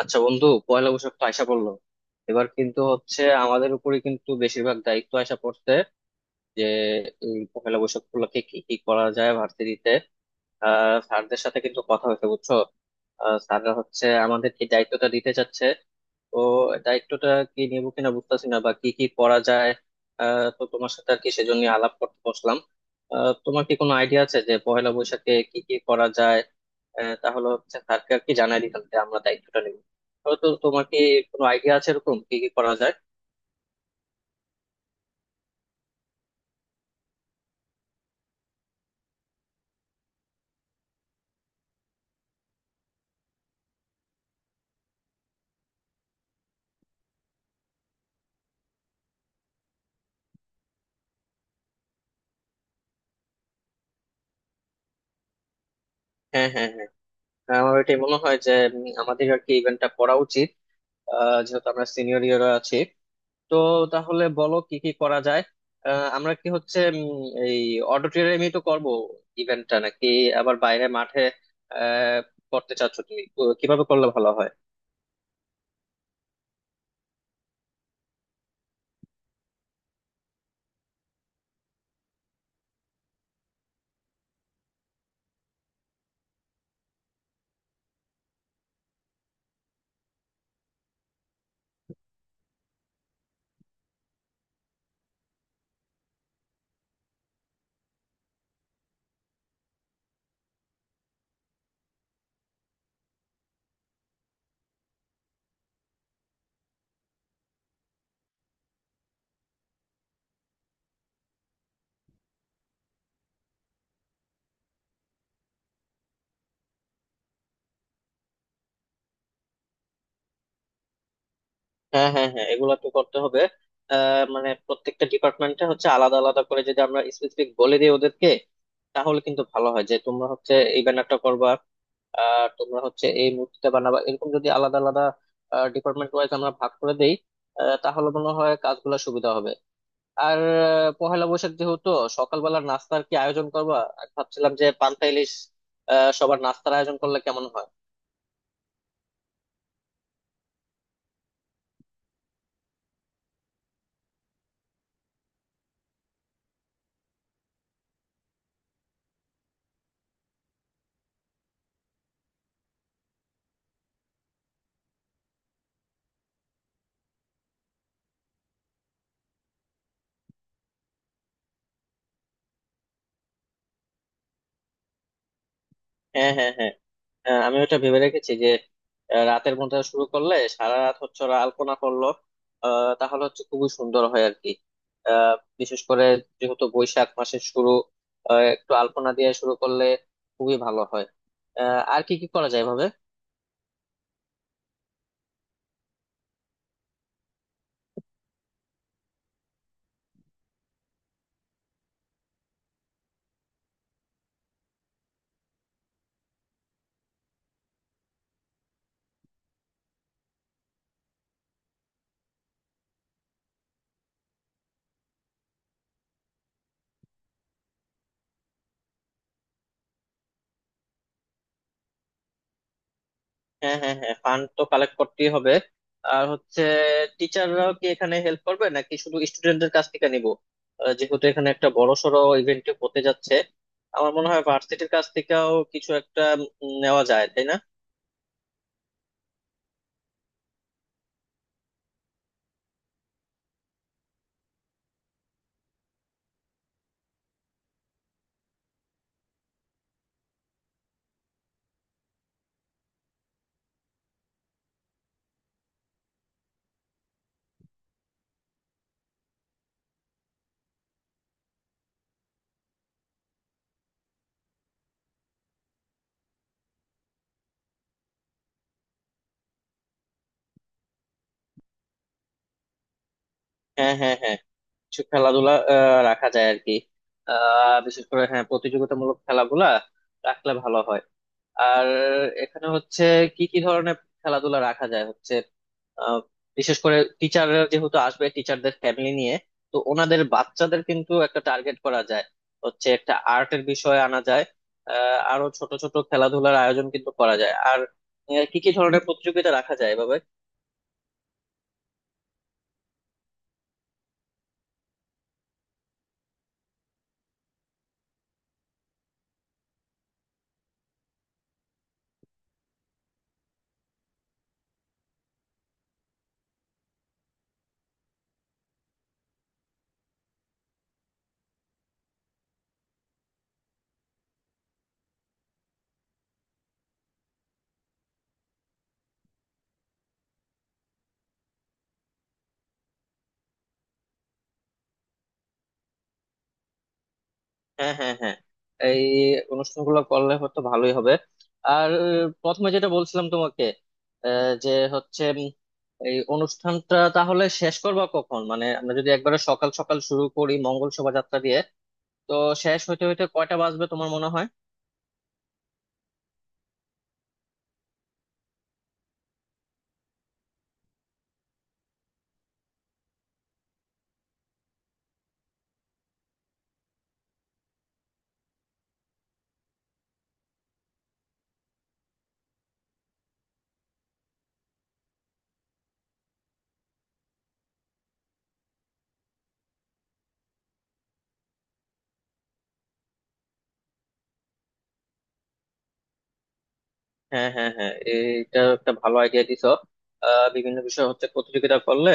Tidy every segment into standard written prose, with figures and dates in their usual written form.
আচ্ছা বন্ধু, পয়লা বৈশাখ তো আইসা পড়লো। এবার কিন্তু হচ্ছে আমাদের উপরে কিন্তু বেশিরভাগ দায়িত্ব আইসা পড়ছে যে এই পয়লা বৈশাখ উপলক্ষে কি কি করা যায় ভার্সিটিতে। স্যারদের সাথে কিন্তু কথা হয়েছে, বুঝছো? স্যাররা হচ্ছে আমাদের কি দায়িত্বটা দিতে চাচ্ছে। তো দায়িত্বটা কি নিব কিনা বুঝতেছি না, বা কি কি করা যায়। তো তোমার সাথে আর কি সেজন্য আলাপ করতে বসলাম। তোমার কি কোনো আইডিয়া আছে যে পয়লা বৈশাখে কি কি করা যায়? তাহলে হচ্ছে স্যারকে আর কি জানাই দিতাম যে আমরা দায়িত্বটা নেব। তো তোমার কি কোনো আইডিয়া আছে এরকম কি কি করা যায়? হ্যাঁ, হ্যাঁ, হ্যাঁ। হ্যাঁ, আমার এটা মনে হয় যে আমাদের আর কি ইভেন্টটা করা উচিত। যেহেতু আমরা সিনিয়র ইয়াররা আছি, তো তাহলে বলো কি কি করা যায়। আমরা কি হচ্ছে এই অডিটোরিয়ামে তো করব ইভেন্টটা, নাকি আবার বাইরে মাঠে আহ করতে চাচ্ছ তুমি? তো কিভাবে করলে ভালো হয়? হ্যাঁ, হ্যাঁ, হ্যাঁ, এগুলা তো করতে হবে। মানে প্রত্যেকটা ডিপার্টমেন্টে হচ্ছে আলাদা আলাদা করে যদি আমরা স্পেসিফিক বলে দিই ওদেরকে, তাহলে কিন্তু ভালো হয় যে তোমরা হচ্ছে এই ব্যানারটা করবা আর তোমরা হচ্ছে এই মূর্তিটা বানাবা, এরকম যদি আলাদা আলাদা ডিপার্টমেন্ট ওয়াইজ আমরা ভাগ করে দেই। তাহলে মনে হয় কাজগুলো সুবিধা হবে। আর পহেলা বৈশাখ যেহেতু সকালবেলা নাস্তার কি আয়োজন করবা, আমি ভাবছিলাম যে পান্তা ইলিশ। সবার নাস্তার আয়োজন করলে কেমন হয়? হ্যাঁ, হ্যাঁ, হ্যাঁ। হ্যাঁ, আমি ওটা ভেবে রেখেছি যে রাতের ঘুমটা শুরু করলে সারা রাত হচ্ছে ওরা আলপনা করলো। তাহলে হচ্ছে খুবই সুন্দর হয় আর কি। আহ, বিশেষ করে যেহেতু বৈশাখ মাসের শুরু, একটু আলপনা দিয়ে শুরু করলে খুবই ভালো হয়। আর কি কি করা যায় ভাবে? হ্যাঁ, হ্যাঁ, হ্যাঁ, ফান্ড তো কালেক্ট করতেই হবে। আর হচ্ছে টিচাররাও কি এখানে হেল্প করবে নাকি শুধু স্টুডেন্টদের কাছ থেকে নিবো? যেহেতু এখানে একটা বড় সড়ো ইভেন্ট হতে যাচ্ছে, আমার মনে হয় ভার্সিটির কাছ থেকেও কিছু একটা নেওয়া যায়, তাই না? হ্যাঁ, হ্যাঁ, হ্যাঁ, কিছু খেলাধুলা রাখা যায় আর কি। বিশেষ করে হ্যাঁ, প্রতিযোগিতামূলক খেলাগুলা রাখলে ভালো হয়। আর এখানে হচ্ছে কি কি ধরনের খেলাধুলা রাখা যায় হচ্ছে আহ, বিশেষ করে টিচাররা যেহেতু আসবে টিচারদের ফ্যামিলি নিয়ে, তো ওনাদের বাচ্চাদের কিন্তু একটা টার্গেট করা যায়। হচ্ছে একটা আর্টের বিষয় আনা যায়। আরো ছোট ছোট খেলাধুলার আয়োজন কিন্তু করা যায়, আর কি কি ধরনের প্রতিযোগিতা রাখা যায় এভাবে? হ্যাঁ, হ্যাঁ, হ্যাঁ, এই অনুষ্ঠানগুলো করলে হয়তো ভালোই হবে। আর প্রথমে যেটা বলছিলাম তোমাকে, যে হচ্ছে এই অনুষ্ঠানটা তাহলে শেষ করবা কখন? মানে আমরা যদি একবারে সকাল সকাল শুরু করি মঙ্গল শোভাযাত্রা দিয়ে, তো শেষ হইতে হইতে কয়টা বাজবে তোমার মনে হয়? হ্যাঁ, হ্যাঁ, হ্যাঁ, এইটা একটা ভালো আইডিয়া দিছো। বিভিন্ন বিষয় হচ্ছে প্রতিযোগিতা করলে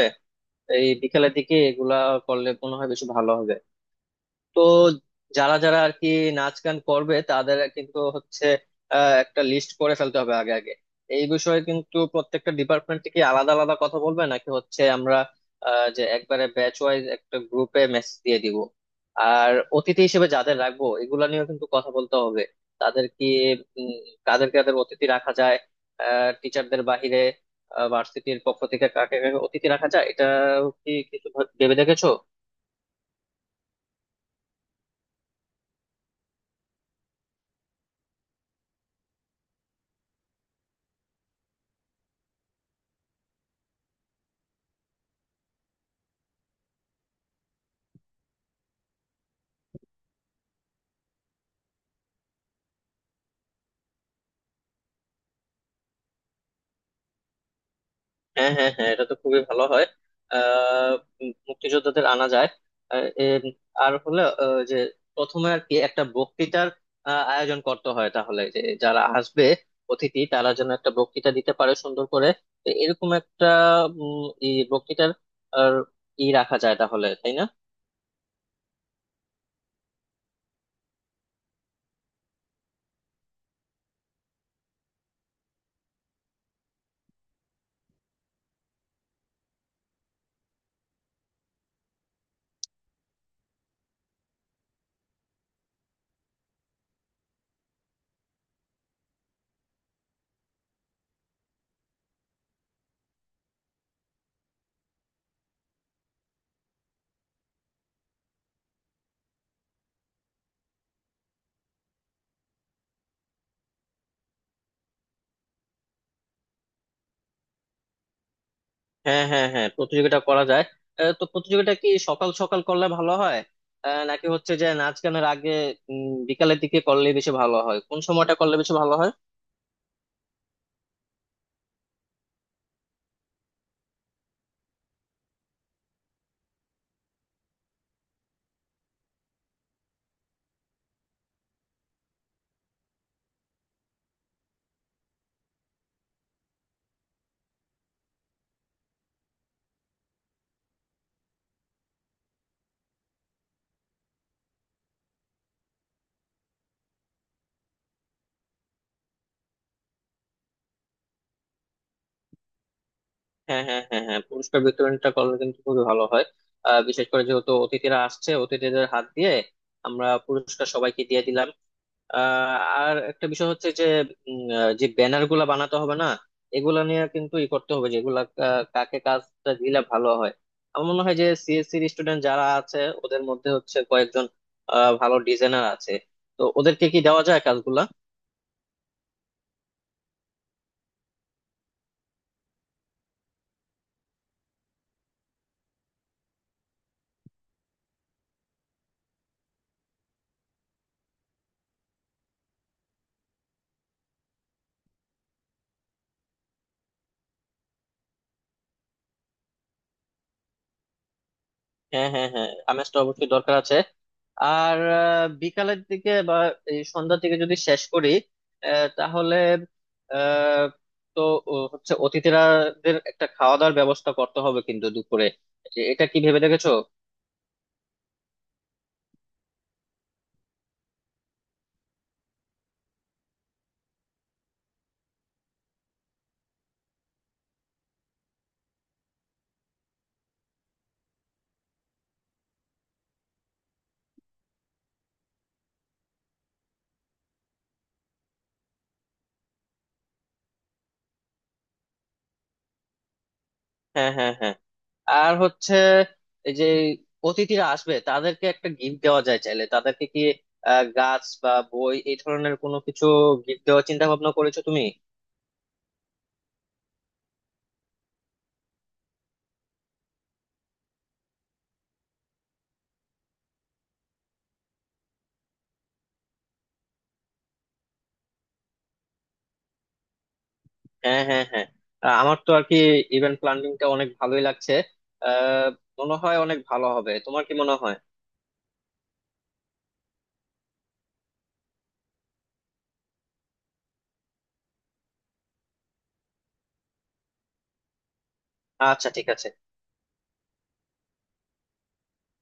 এই বিকেলের দিকে এগুলা করলে মনে হয় বেশি ভালো হবে। তো যারা যারা আর কি নাচ গান করবে তাদের কিন্তু হচ্ছে একটা লিস্ট করে ফেলতে হবে আগে আগে। এই বিষয়ে কিন্তু প্রত্যেকটা ডিপার্টমেন্ট কি আলাদা আলাদা কথা বলবে নাকি হচ্ছে আমরা যে একবারে ব্যাচ ওয়াইজ একটা গ্রুপে মেসেজ দিয়ে দিব? আর অতিথি হিসেবে যাদের রাখবো এগুলা নিয়েও কিন্তু কথা বলতে হবে। তাদের কি উম, কাদের কাদের অতিথি রাখা যায় টিচারদের বাহিরে? ভার্সিটির পক্ষ থেকে কাকে কাকে অতিথি রাখা যায়, এটা কি কিছু ভেবে দেখেছো? হ্যাঁ, হ্যাঁ, হ্যাঁ, এটা তো খুবই ভালো হয়। আহ মুক্তিযোদ্ধাদের আনা যায়। আর এর- আর হলো যে প্রথমে আর কি একটা বক্তৃতার আয়োজন করতে হয় তাহলে, যে যারা আসবে অতিথি তারা যেন একটা বক্তৃতা দিতে পারে সুন্দর করে। তো এরকম একটা ই বক্তৃতার আর, ই রাখা যায় তাহলে, তাই না? হ্যাঁ, হ্যাঁ, হ্যাঁ, প্রতিযোগিতা করা যায়। তো প্রতিযোগিতা কি সকাল সকাল করলে ভালো হয়? নাকি হচ্ছে যে নাচ গানের আগে, বিকালের দিকে করলে বেশি ভালো হয়? কোন সময়টা করলে বেশি ভালো হয়? হ্যাঁ, হ্যাঁ, হ্যাঁ, হ্যাঁ, পুরস্কার বিতরণটা করলে কিন্তু খুবই ভালো হয়। বিশেষ করে যেহেতু অতিথিরা আসছে, অতিথিদের হাত দিয়ে আমরা পুরস্কার সবাইকে দিয়ে দিলাম। আর একটা বিষয় হচ্ছে যে যে ব্যানার গুলা বানাতে হবে না? এগুলা নিয়ে কিন্তু ই করতে হবে যে এগুলা কাকে কাজটা দিলে ভালো হয়। আমার মনে হয় যে সিএসসি স্টুডেন্ট যারা আছে ওদের মধ্যে হচ্ছে কয়েকজন ভালো ডিজাইনার আছে। তো ওদেরকে কি দেওয়া যায় কাজগুলা? হ্যাঁ, হ্যাঁ, হ্যাঁ, আমেজটা অবশ্যই দরকার আছে। আর বিকালের দিকে বা এই সন্ধ্যার দিকে যদি শেষ করি, তাহলে, আহ, তো ও হচ্ছে অতিথিরাদের একটা খাওয়া দাওয়ার ব্যবস্থা করতে হবে কিন্তু দুপুরে। এটা কি ভেবে দেখেছো? হ্যাঁ, হ্যাঁ, হ্যাঁ। আর হচ্ছে এই যে অতিথিরা আসবে, তাদেরকে একটা গিফট দেওয়া যায় চাইলে। তাদেরকে কি গাছ বা বই এই ধরনের কোনো কিছু গিফট দেওয়ার চিন্তা ভাবনা করেছো তুমি? হ্যাঁ, হ্যাঁ, হ্যাঁ। আমার তো আর কি ইভেন্ট প্ল্যানিংটা অনেক ভালোই লাগছে। আহ মনে হয় অনেক ভালো হবে। তোমার কি মনে হয়? আচ্ছা, ঠিক আছে।